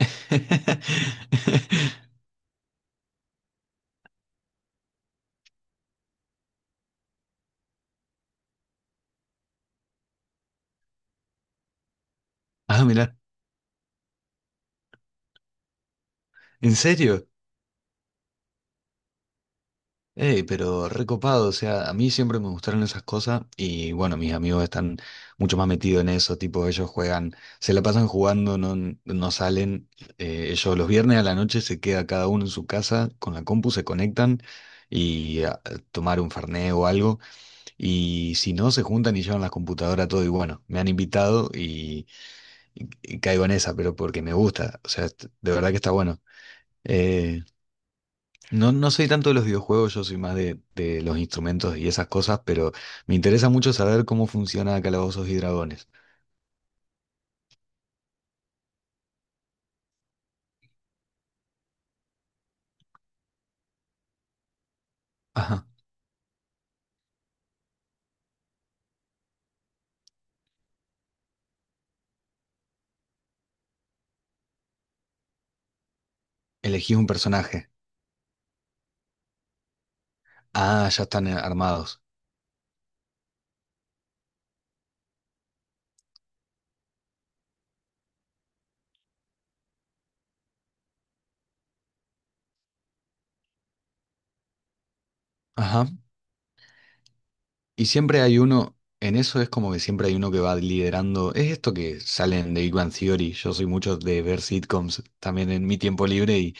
Ah, mirá, ¿en serio? Ey, pero recopado, o sea, a mí siempre me gustaron esas cosas y bueno, mis amigos están mucho más metidos en eso, tipo, ellos juegan, se la pasan jugando, no, no salen, ellos los viernes a la noche se queda cada uno en su casa con la compu, se conectan y a tomar un fernet o algo. Y si no, se juntan y llevan la computadora todo y bueno, me han invitado y caigo en esa, pero porque me gusta, o sea, de verdad que está bueno. Eh, no, no soy tanto de los videojuegos, yo soy más de los instrumentos y esas cosas, pero me interesa mucho saber cómo funciona Calabozos y Dragones. Ajá. Elegís un personaje. Ah, ya están armados. Ajá. Y siempre hay uno, en eso es como que siempre hay uno que va liderando. Es esto que salen de Big Bang Theory. Yo soy mucho de ver sitcoms también en mi tiempo libre y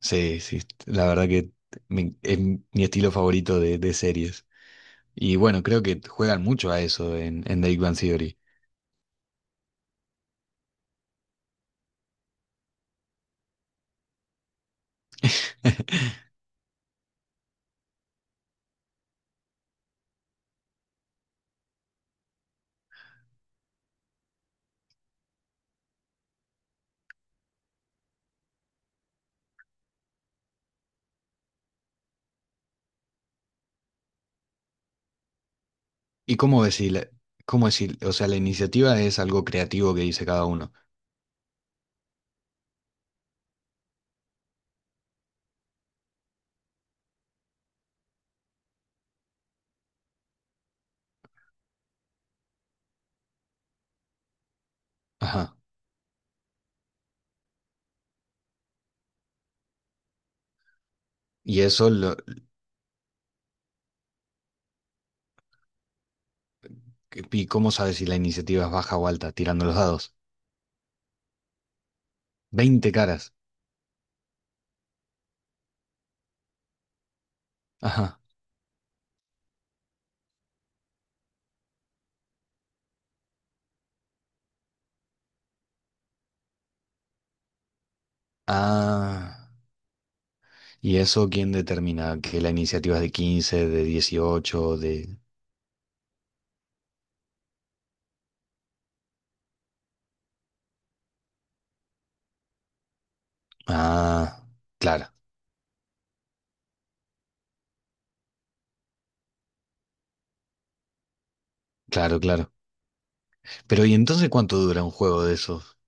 sí, sí, la verdad que es mi estilo favorito de series. Y bueno, creo que juegan mucho a eso en The Big Bang Theory. ¿Y cómo decir, o sea, la iniciativa es algo creativo que dice cada uno? Ajá. Y eso, lo, ¿Y cómo sabes si la iniciativa es baja o alta? Tirando los dados. Veinte caras. Ajá. Ah. ¿Y eso quién determina? Que la iniciativa es de quince, de 18 de... Ah. Claro, claro, claro. Pero ¿y entonces cuánto dura un juego de esos?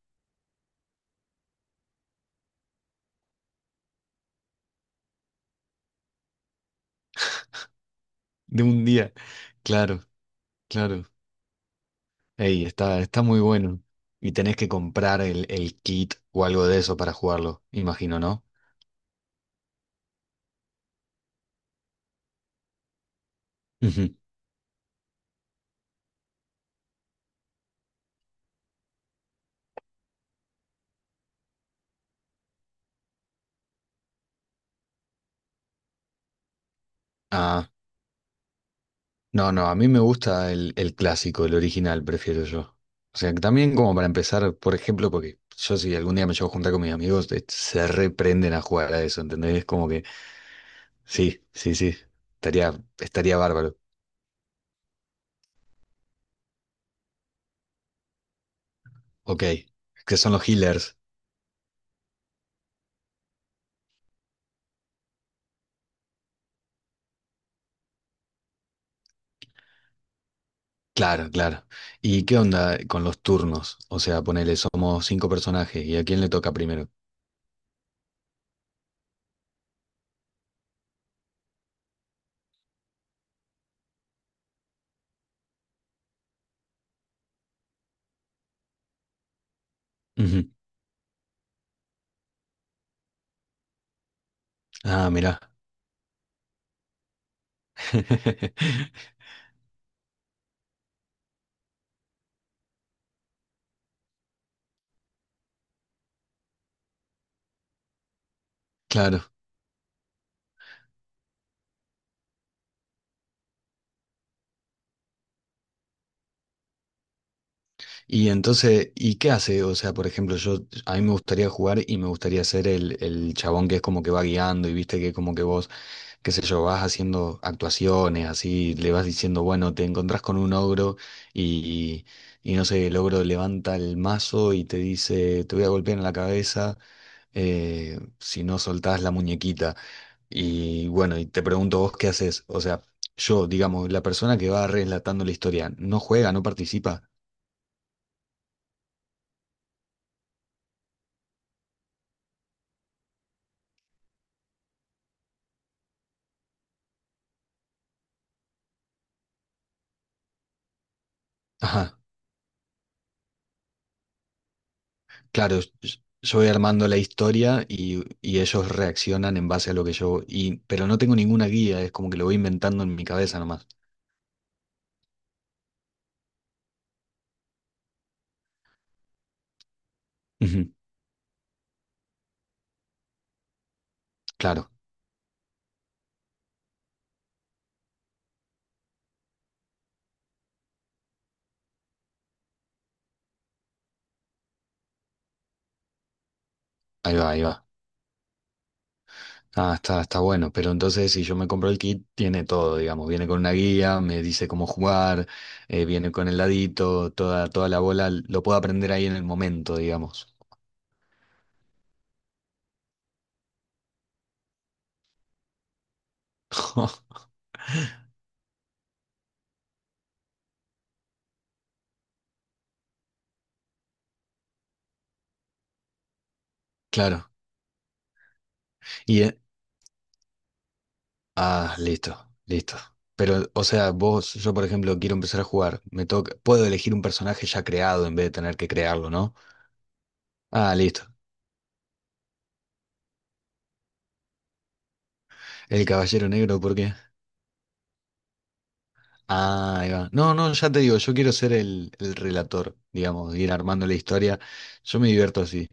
De un día. Claro, claro. Ey, está, está muy bueno. Y tenés que comprar el kit o algo de eso para jugarlo, imagino, ¿no? Ujú. Ah, no, no, a mí me gusta el clásico, el original, prefiero yo. O sea, que también como para empezar, por ejemplo, porque yo si algún día me llevo a juntar con mis amigos, se reprenden a jugar a eso, ¿entendés? Es como que, sí, sí, sí, estaría, estaría bárbaro. Ok, que son los healers. Claro, claro. ¿Y qué onda con los turnos? O sea, ponele, somos cinco personajes, ¿y a quién le toca primero? Ujú. Ah, mirá. Claro. Y entonces, ¿y qué hace? O sea, por ejemplo, yo a mí me gustaría jugar y me gustaría ser el chabón que es como que va guiando y viste que como que vos, qué sé yo, vas haciendo actuaciones, así le vas diciendo, bueno, te encontrás con un ogro y, y no sé, el ogro levanta el mazo y te dice, te voy a golpear en la cabeza, si no soltás la muñequita. Y bueno, y te pregunto vos qué haces. O sea, yo, digamos, la persona que va relatando la historia, ¿no juega, no participa? Ajá, claro, yo voy armando la historia y ellos reaccionan en base a lo que yo... Y, pero no tengo ninguna guía, es como que lo voy inventando en mi cabeza nomás. Ujú. Claro, ahí va, ahí va. Ah, está, está bueno, pero entonces si yo me compro el kit, tiene todo, digamos, viene con una guía, me dice cómo jugar, viene con el ladito, toda, toda la bola, lo puedo aprender ahí en el momento, digamos. Claro. Y, ah, listo, listo. Pero, o sea, vos, yo por ejemplo, quiero empezar a jugar. Me toca, puedo elegir un personaje ya creado en vez de tener que crearlo, ¿no? Ah, listo. El Caballero Negro, ¿por qué? Ah, ahí va. No, no, ya te digo, yo quiero ser el relator, digamos, ir armando la historia. Yo me divierto así.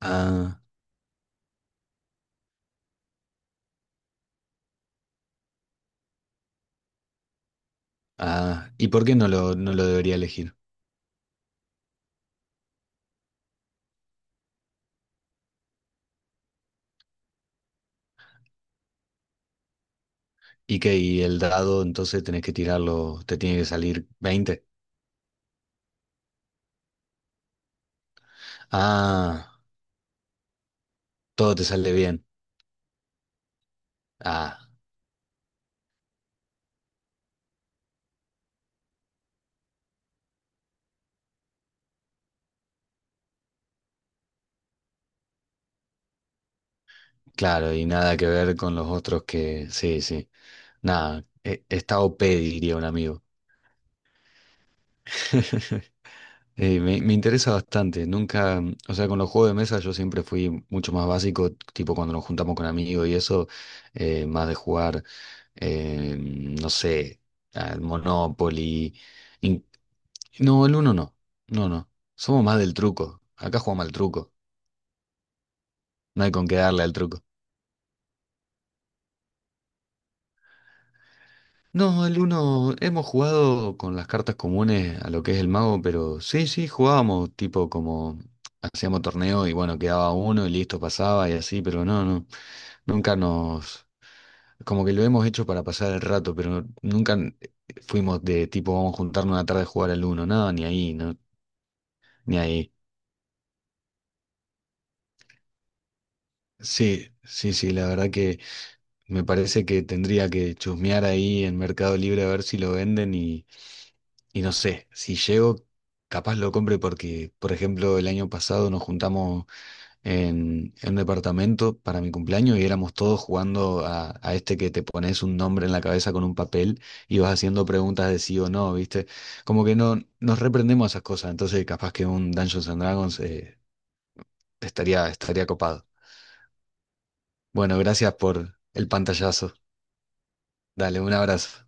Ah, ah. ¿Y por qué no lo, no lo debería elegir? ¿Y qué? ¿Y el dado, entonces tenés que tirarlo, te tiene que salir veinte? Ah, todo te sale bien. Ah. Claro, y nada que ver con los otros que, sí, sí, nada, está OP, diría un amigo. Me interesa bastante, nunca, mm, o sea, con los juegos de mesa yo siempre fui mucho más básico, tipo cuando nos juntamos con amigos y eso, más de jugar, no sé, al Monopoly. in- no, el uno no, no, no, somos más del truco, acá jugamos al truco, no hay con qué darle al truco. No, el uno hemos jugado con las cartas comunes a lo que es el mago, pero sí, sí, jugábamos tipo como hacíamos torneo y bueno, quedaba uno y listo, pasaba y así, pero no, no, nunca nos, como que lo hemos hecho para pasar el rato, pero nunca n- fuimos de tipo vamos a juntarnos una tarde a jugar al uno, no, ni ahí, no, ni ahí. Sí, sí, sí, la verdad que me parece que tendría que chusmear ahí en Mercado Libre a ver si lo venden. Y no sé, si llego, capaz lo compre porque, por ejemplo, el año pasado nos juntamos en un departamento para mi cumpleaños y éramos todos jugando a este que te pones un nombre en la cabeza con un papel y vas haciendo preguntas de sí o no, ¿viste? Como que no nos reprendemos a esas cosas, entonces capaz que un Dungeons and Dragons, estaría, estaría copado. Bueno, gracias por el pantallazo. Dale, un abrazo.